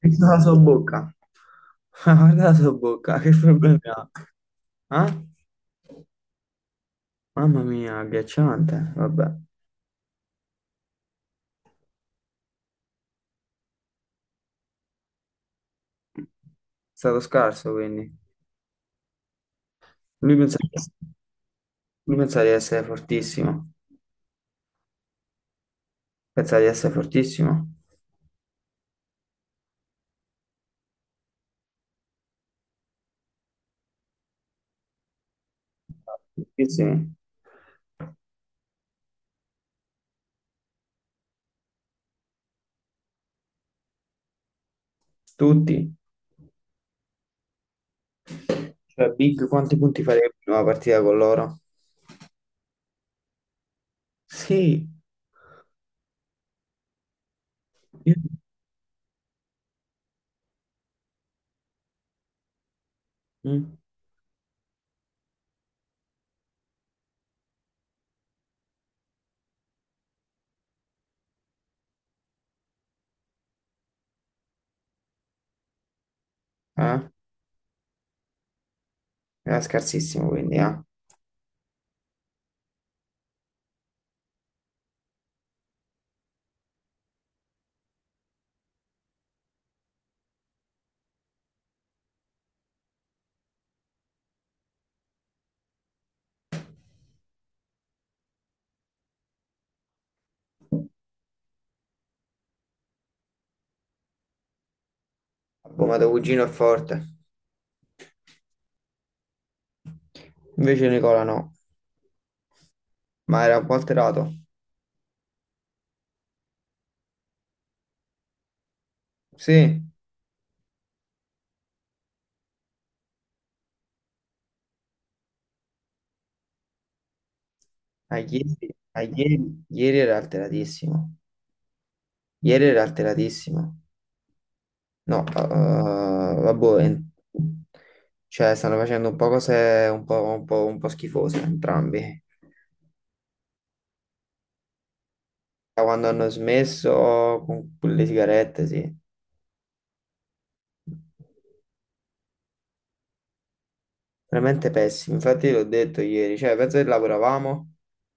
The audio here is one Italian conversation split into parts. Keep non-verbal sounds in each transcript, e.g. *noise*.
Pensa alla sua bocca. *laughs* Guarda la sua bocca, che problemi ha? Ah? Mamma mia, agghiacciante. Vabbè, è stato scarso quindi. Lui pensa, lui pensa di essere fortissimo. Pensa di essere fortissimo. Fortissimi. Tutti. Cioè, Big, quanti punti farebbe in una partita con loro? Sì. Io- Mm. Eh? Era scarsissimo quindi, eh. Ha bombato cugino è forte. Invece Nicola no. Ma era un po' alterato. Sì. Ah, ieri, ah, ieri era alteratissimo. Ieri era alteratissimo. No, vabbè, en- cioè stanno facendo un po' cose un po' schifose entrambi. Da quando hanno smesso con le sigarette, sì. Veramente pessimo. Infatti l'ho detto ieri, cioè penso che lavoravamo,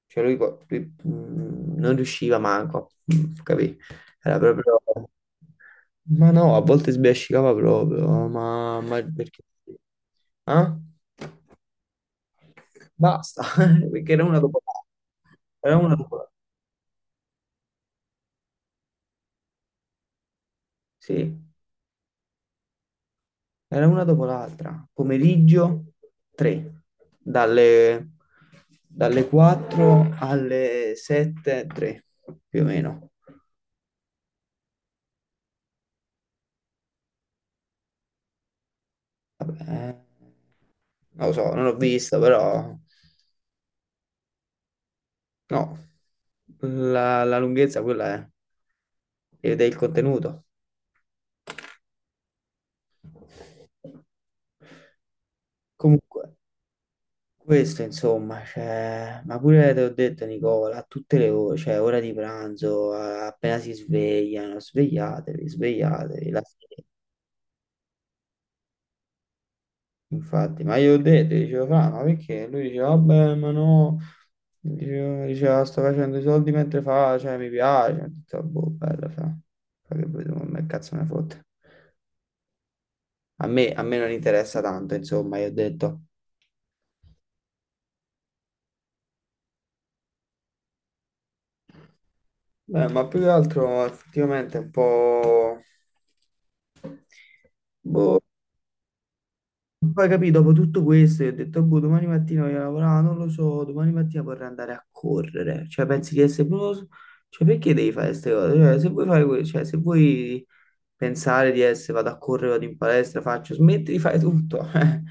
cioè lui, qua- lui, non riusciva manco, capì? Era proprio... Ma no, a volte sbiascicava proprio, ma perché? Sì. Ah? Basta, *laughs* perché era una dopo l'altra. Era una dopo l'altra. Sì, era una dopo l'altra. Pomeriggio 3, dalle, dalle 4 alle 7, 3, più o meno. Vabbè, non lo so, non l'ho vista, però no, la lunghezza quella è, ed è il contenuto. Comunque. Questo insomma, cioè, ma pure te l'ho detto Nicola, a tutte le ore, cioè ora di pranzo, a- appena si svegliano, svegliatevi, la sera. Infatti, ma io ho detto, io dicevo, "Fra, ma perché?" Lui diceva, vabbè, ma no, Dicevo- diceva, sto facendo i soldi mentre fa, cioè mi piace, ho detto, boh, bella, fa, fa che vedo, ma che cazzo me ne fotte. A me non interessa tanto, insomma, io ho detto, Beh, ma più che altro effettivamente è un po'... Boh, poi capì, dopo tutto questo, io ho detto, boh, domani mattina voglio lavorare, non lo so, domani mattina vorrei andare a correre. Cioè, pensi di essere proprio... Cioè, perché devi fare queste cose? Cioè, se vuoi fare que- cioè, se vuoi pensare di essere, vado a correre, vado in palestra, faccio, smetti di fare tutto. *laughs* Eh.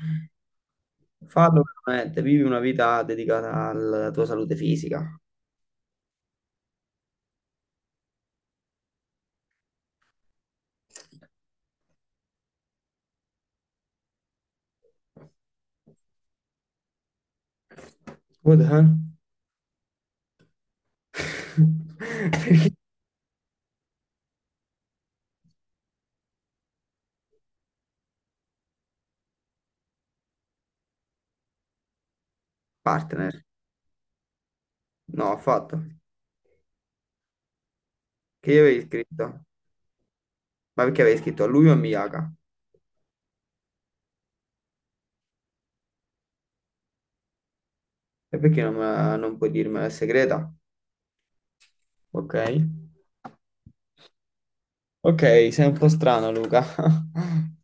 Fallo veramente, vivi una vita dedicata alla tua salute fisica. What the hell? *laughs* Perché partner? No, ho fatto. Che io avevi scritto? Ma perché avevi scritto a lui o a Miyaka? E perché non, me la- non puoi dirmela è segreta? Ok. Ok, sei un po' strano, Luca. *laughs*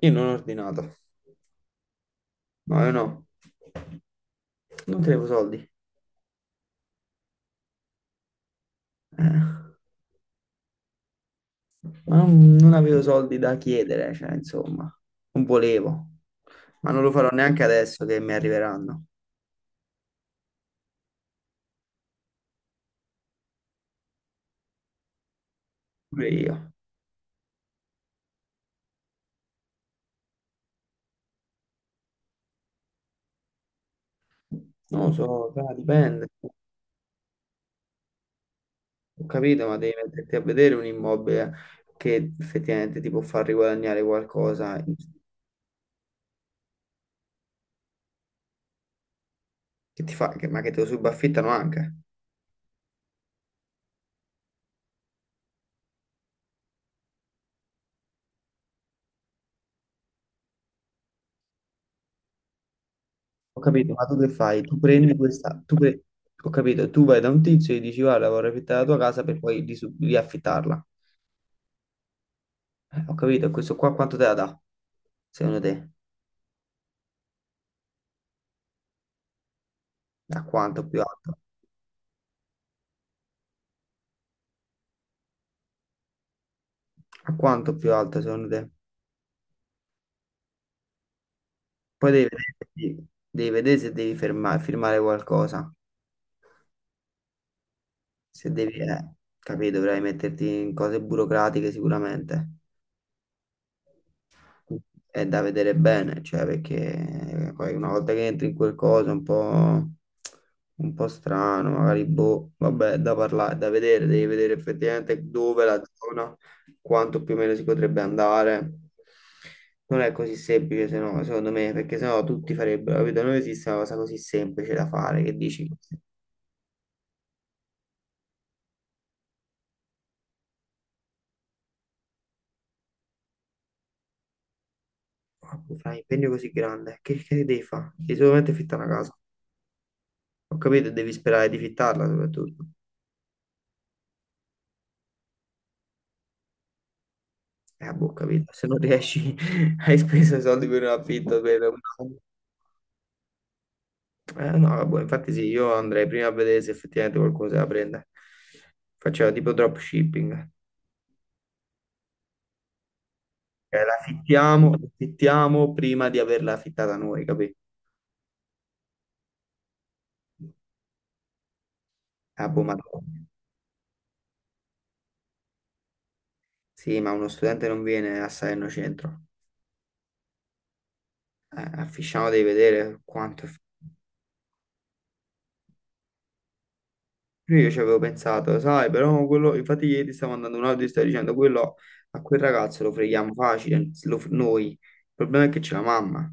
Io non ho ordinato. No, io no. Non tenevo soldi. Ma non avevo soldi da chiedere, cioè, insomma. Non volevo. Ma non lo farò neanche adesso che mi arriveranno. Pure io. Non lo so, dai, dipende. Ho capito, ma devi metterti a vedere un immobile che effettivamente ti può far riguadagnare qualcosa, che ti fa, che- ma che te lo subaffittano anche. Ho capito, ma tu che fai? Tu prendi questa, tu pre- ho capito, tu vai da un tizio e gli dici guarda, vorrei affittare la tua casa per poi risu- riaffittarla. Ho capito, e questo qua quanto te la dà, secondo te? A quanto più alto? A quanto più alto, secondo te? Poi devi vedere se devi ferma- firmare qualcosa, se devi, capito, dovrai metterti in cose burocratiche sicuramente. È da vedere bene, cioè perché poi una volta che entri in quel coso è un po' strano, magari boh, vabbè, è da parlare, è da vedere, devi vedere effettivamente dove la zona, quanto più o meno si potrebbe andare. Non è così semplice, se no, secondo me, perché sennò tutti farebbero, capito? Non esiste una cosa così semplice da fare, che dici, "Ah, fai un impegno così grande, che devi fare? Devi solamente fittare una casa." Ho capito, devi sperare di fittarla soprattutto. Boh, capito, se non riesci, *laughs* hai speso i soldi per un affitto, per un- no, boh, infatti sì, io andrei prima a vedere se effettivamente qualcuno se la prende. Facciamo tipo dropshipping. La affittiamo prima di averla affittata noi, capito? Ah, boh, ma... no. Sì, ma uno studente non viene a Salerno Centro. A Fisciano devi vedere quanto è... Pure io ci avevo pensato, sai, però quello, infatti ieri stavo mandando un audio e stavo dicendo quello a quel ragazzo lo freghiamo facile, lo- noi. Il problema è che c'è la mamma.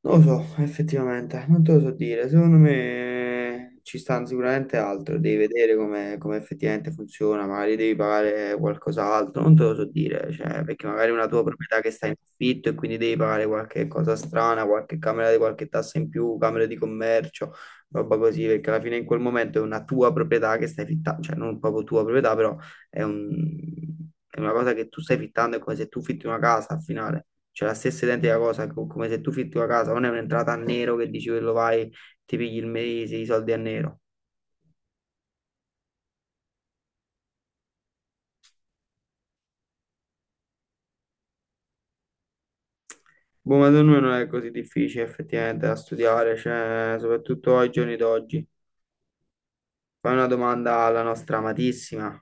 Non lo so, effettivamente, non te lo so dire. Secondo me ci stanno sicuramente altro, devi vedere come, come effettivamente funziona, magari devi pagare qualcos'altro, non te lo so dire, cioè, perché magari è una tua proprietà che sta in affitto e quindi devi pagare qualche cosa strana, qualche camera di qualche tassa in più, camera di commercio, roba così, perché alla fine in quel momento è una tua proprietà che stai fittando, cioè non proprio tua proprietà, però è un- è una cosa che tu stai fittando, è come se tu fitti una casa al finale. C'è la stessa identica cosa, co- come se tu fitti la casa, non è un'entrata a nero che dici quello vai, ti pigli il mese, i soldi a nero. Boh, ma secondo me non è così difficile effettivamente da studiare, cioè, soprattutto ai giorni d'oggi. Fai una domanda alla nostra amatissima,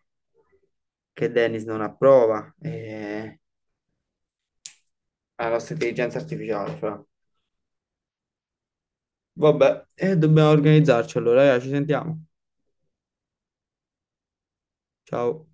che Dennis non approva, e alla nostra intelligenza artificiale, fra. Vabbè, e dobbiamo organizzarci allora, raga, ci sentiamo. Ciao.